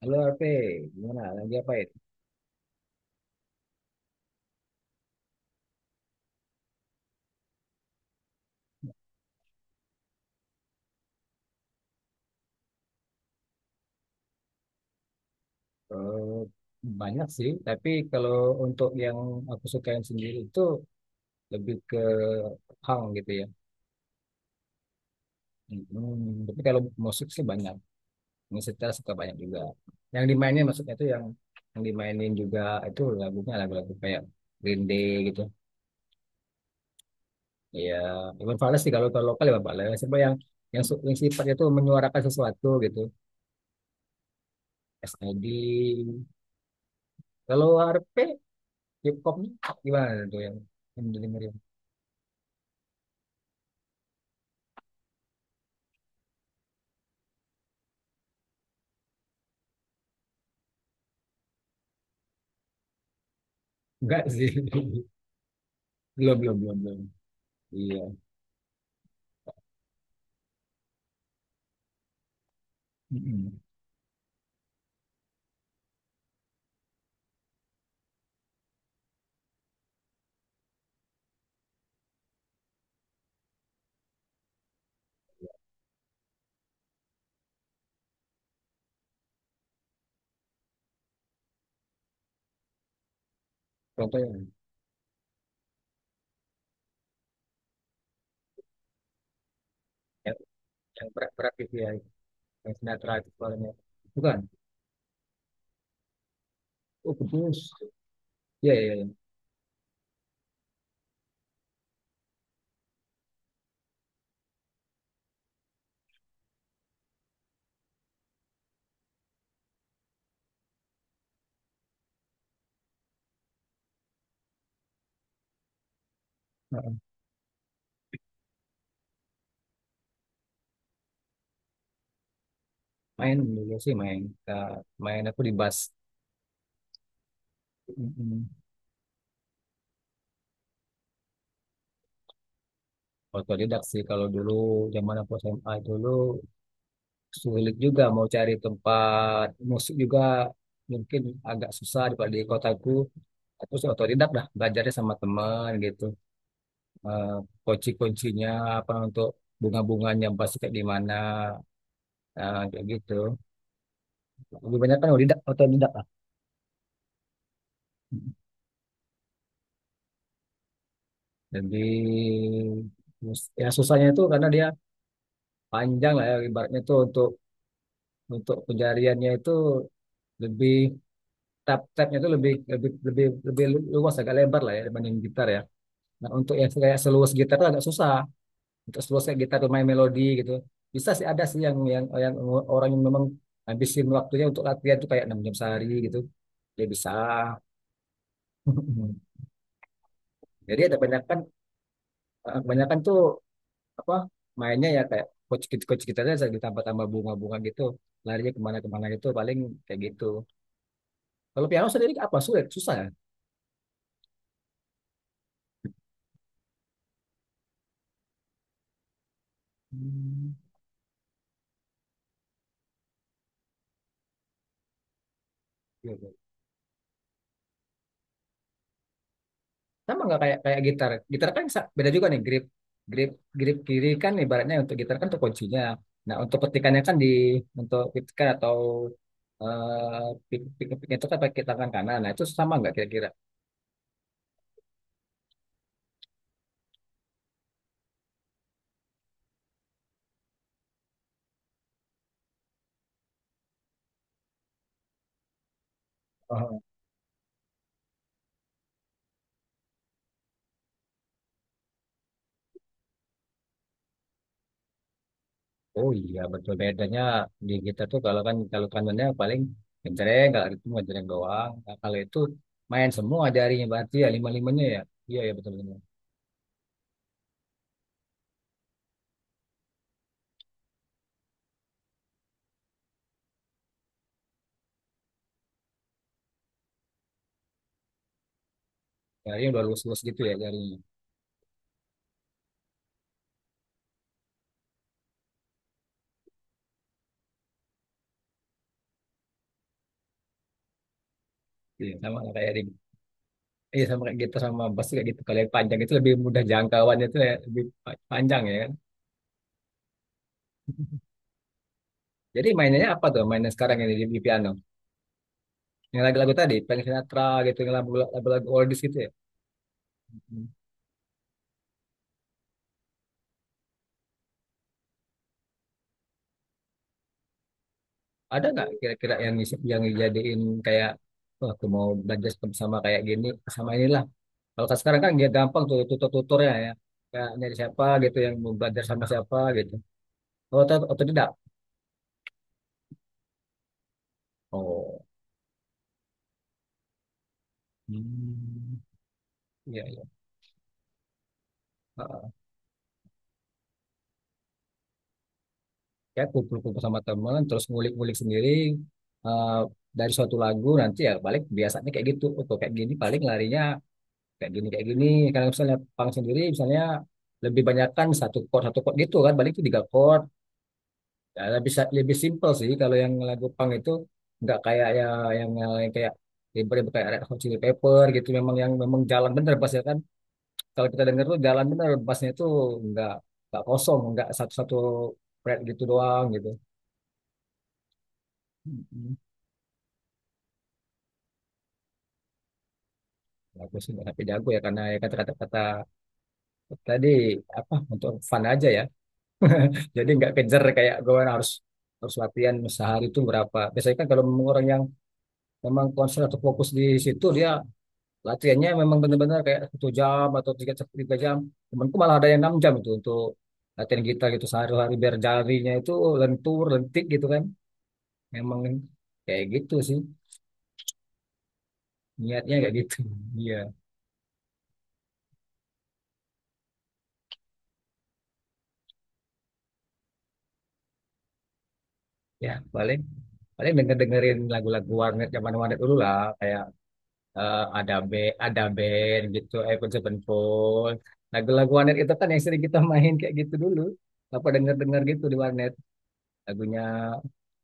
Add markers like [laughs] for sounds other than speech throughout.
Halo RP, gimana? Lagi apa itu? Eh, Banyak sih, tapi kalau untuk yang aku sukain sendiri itu lebih ke hang gitu ya. Tapi kalau musik sih banyak, musik setel suka banyak juga. Yang dimainin maksudnya itu yang dimainin juga itu lagunya lagu-lagu kayak Green Day gitu. Ya, Iwan Fals sih, kalau kalau lokal Iwan Fals. Siapa yang sifatnya itu menyuarakan sesuatu gitu. SID. Kalau RP, hip hopnya gimana tuh yang didengerin? Enggak sih. [laughs] Belum, belum, belum, belum. Iya. Mm-mm. Contoh yang, yang berat-berat gitu ya. Yang sinetron itu soalnya. Bukan. Oh, kudus. Iya, iya, iya. Heeh. Main dulu sih main. Nah, main aku di bus. Mm-mm. Otodidak sih kalau dulu, zaman aku SMA dulu sulit juga mau cari tempat musik juga, mungkin agak susah di kotaku. Terus otodidak dah belajarnya sama teman gitu, eh, kunci-kuncinya apa untuk bunga-bunganya pasti kayak gimana, nah, kayak gitu, lebih banyak kan otodidak otodidak lah. Jadi ya, susahnya itu karena dia panjang lah ya, ibaratnya itu untuk pencariannya itu lebih, tab-tabnya itu lebih lebih lebih lebih luas, agak lebar lah ya dibanding gitar ya. Nah, untuk yang kayak seluas gitar itu agak susah. Untuk selesai gitar bermain melodi gitu bisa sih, ada sih yang orang yang memang habisin waktunya untuk latihan tuh kayak 6 jam sehari gitu dia bisa. [laughs] Jadi ada banyak kan. Kebanyakan tuh apa, mainnya ya kayak coach kita aja ditambah-tambah bunga-bunga gitu, larinya kemana-kemana gitu paling kayak gitu. Kalau piano sendiri apa, sulit susah ya? Hmm. Iya, iya. Sama nggak, kayak kayak gitar gitar kan beda juga nih grip grip grip kiri kan ibaratnya untuk gitar kan tuh kuncinya. Nah, untuk petikannya kan untuk petikan atau eh pik pik pik itu kan pakai tangan kanan. Nah, itu sama nggak kira-kira? Oh, oh iya betul, bedanya di gitar tuh kalau kanannya paling genjreng, kalau itu cuma genjreng doang. Nah, kalau itu main semua jarinya berarti ya lima limanya ya. Iya ya, betul betul. Jarinya udah lurus lurus gitu ya jarinya. Iya. Sama nggak kayak di. Iya sama kayak gitu, sama bus kayak gitu. Kalau yang panjang itu lebih mudah jangkauannya itu, ya lebih panjang ya kan. Jadi mainnya apa tuh, mainnya sekarang ini di piano? Yang lagu-lagu tadi, Frank Sinatra gitu, yang lagu-lagu oldies gitu ya. Hmm. Ada nggak kira-kira yang dijadiin kayak, wah aku mau belajar seperti sama kayak gini, sama inilah. Kalau kan sekarang kan dia gampang tuh tutor-tutornya ya. Kayak nyari siapa gitu yang mau belajar sama siapa gitu. Oh, atau tidak? Oh. Hmm. Iya, iya. Ya kumpul-kumpul sama teman terus ngulik-ngulik sendiri, eh, dari suatu lagu nanti ya balik biasanya kayak gitu. Oh, kok kayak gini, paling larinya kayak gini kayak gini. Kalau misalnya pang sendiri, misalnya lebih banyakkan satu chord gitu kan, balik itu tiga chord. Ya, lebih lebih simple sih kalau yang lagu pang itu, nggak kayak ya, yang, yang kayak ribet-ribet kayak Red Hot Chili Pepper gitu. Memang yang memang jalan bener bassnya kan, kalau kita denger tuh jalan bener bassnya itu nggak nggak kosong, nggak satu-satu fret gitu doang gitu. Bagus sih, tapi jago ya karena ya kata-kata tadi apa, untuk fun aja ya. [laughs] Jadi nggak kejar kayak gue harus harus latihan sehari itu berapa. Biasanya kan kalau memang orang yang memang konsen atau fokus di situ, dia latihannya memang benar-benar kayak satu jam atau tiga jam. Temanku malah ada yang 6 jam itu untuk latihan gitar gitu sehari-hari biar jarinya itu lentur lentik gitu kan. Memang kayak gitu sih, niatnya kayak gitu. [laughs] Iya. Ya paling paling dengerin lagu-lagu warnet, zaman warnet dulu lah, kayak eh, ada be ada band gitu Avenged Sevenfold. Lagu-lagu warnet itu kan yang sering kita [laughs] main kayak gitu dulu, apa denger denger gitu di warnet, lagunya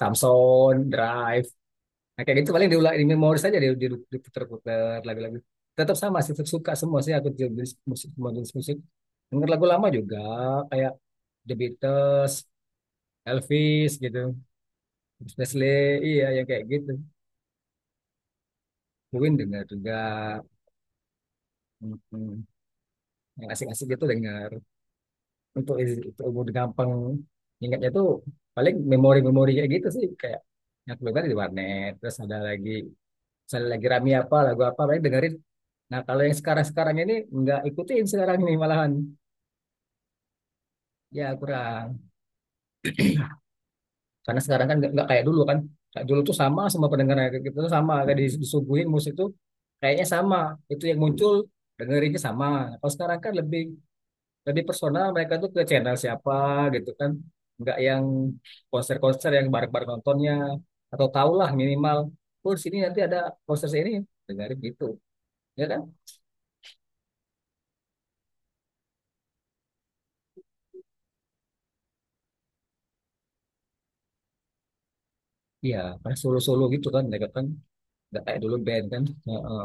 Samson Drive. Nah kayak gitu paling diulang di memori saja, diputer-puter lagu-lagu. Tetap sama sih, tetap suka semua sih aku jenis musik, semua jenis musik, denger lagu lama juga kayak The Beatles, Elvis gitu, Presley. Iya yang kayak gitu, mungkin dengar juga mm, yang asik-asik gitu dengar. Untuk umur gampang ingatnya tuh, paling memori-memori kayak gitu sih, kayak yang aku dengar di warnet. Terus ada lagi, misalnya lagi rame apa lagu apa paling dengerin. Nah kalau yang sekarang-sekarang ini nggak ikutin, sekarang ini malahan ya kurang. Karena sekarang kan nggak kayak dulu kan, kayak dulu tuh sama semua pendengarnya kayak gitu tuh sama, kayak disuguhin musik tuh kayaknya sama, itu yang muncul, dengerinnya sama. Kalau sekarang kan lebih lebih personal mereka tuh ke channel siapa gitu kan, nggak yang konser-konser yang bareng-bareng nontonnya, atau tahulah minimal oh di sini nanti ada konser ini, dengerin gitu ya kan. Iya, pas solo-solo gitu kan mereka kan, nggak kayak dulu band kan. Heeh.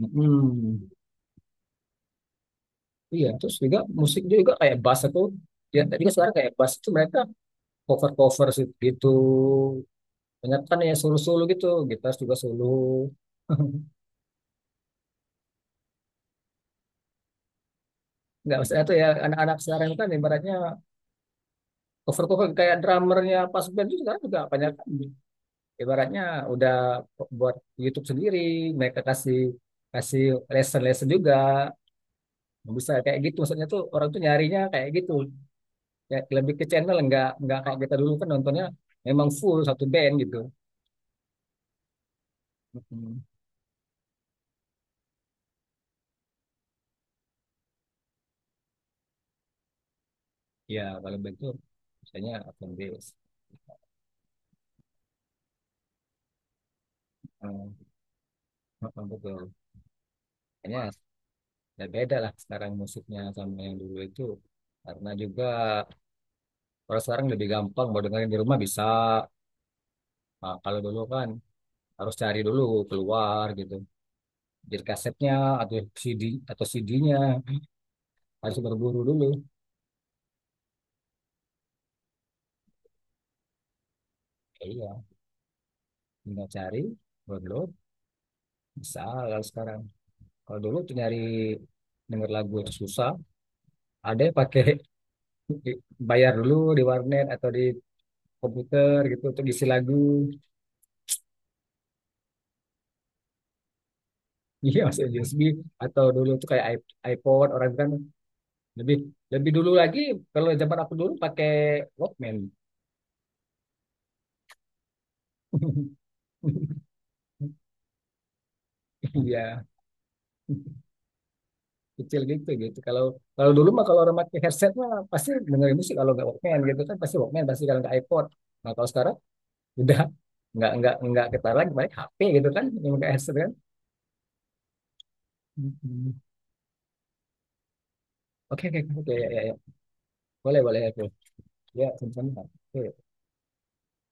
Mm-mm. Iya, terus juga musik juga kayak bass itu, ya tadi kan sekarang kayak bass itu mereka cover-cover sih gitu, banyak kan, ya solo-solo gitu, gitar juga solo. [laughs] Nggak, maksudnya tuh ya anak-anak sekarang kan ibaratnya cover cover, kayak drummernya pas band itu sekarang juga banyak kan. Ibaratnya udah buat YouTube sendiri, mereka kasih kasih lesson lesson juga bisa, kayak gitu maksudnya tuh orang tuh nyarinya kayak gitu, ya lebih ke channel, nggak kayak kita dulu kan nontonnya memang full satu band gitu. Mm-mm. Ya kalau band tuh misalnya open bass. Mm, mm, betul. Kayaknya ya beda lah sekarang musiknya sama yang dulu itu, karena juga orang sekarang lebih gampang mau dengerin di rumah bisa. Nah, kalau dulu kan harus cari dulu, keluar gitu. Jadi kasetnya atau CD atau CD-nya harus berburu dulu. Ya, iya, tinggal cari, download, bisa kalau sekarang. Kalau dulu tuh nyari denger lagu itu susah. Ada yang pakai [laughs] bayar dulu di warnet atau di komputer gitu untuk isi lagu. [laughs] Iya, masuk USB, atau dulu tuh kayak iPod orang kan lebih lebih dulu lagi. Kalau zaman aku dulu pakai Walkman. [laughs] Iya. Kecil gitu gitu, kalau kalau dulu mah kalau orang pakai headset mah pasti dengerin musik, kalau nggak Walkman gitu kan, pasti Walkman, pasti kalau nggak iPod. Nah kalau sekarang udah [laughs] nggak ketaruh lagi, paling HP gitu kan yang pakai headset kan. Mm-mm. Oke oke oke, ya ya ya, boleh boleh, oke. Ya teman-teman, oke.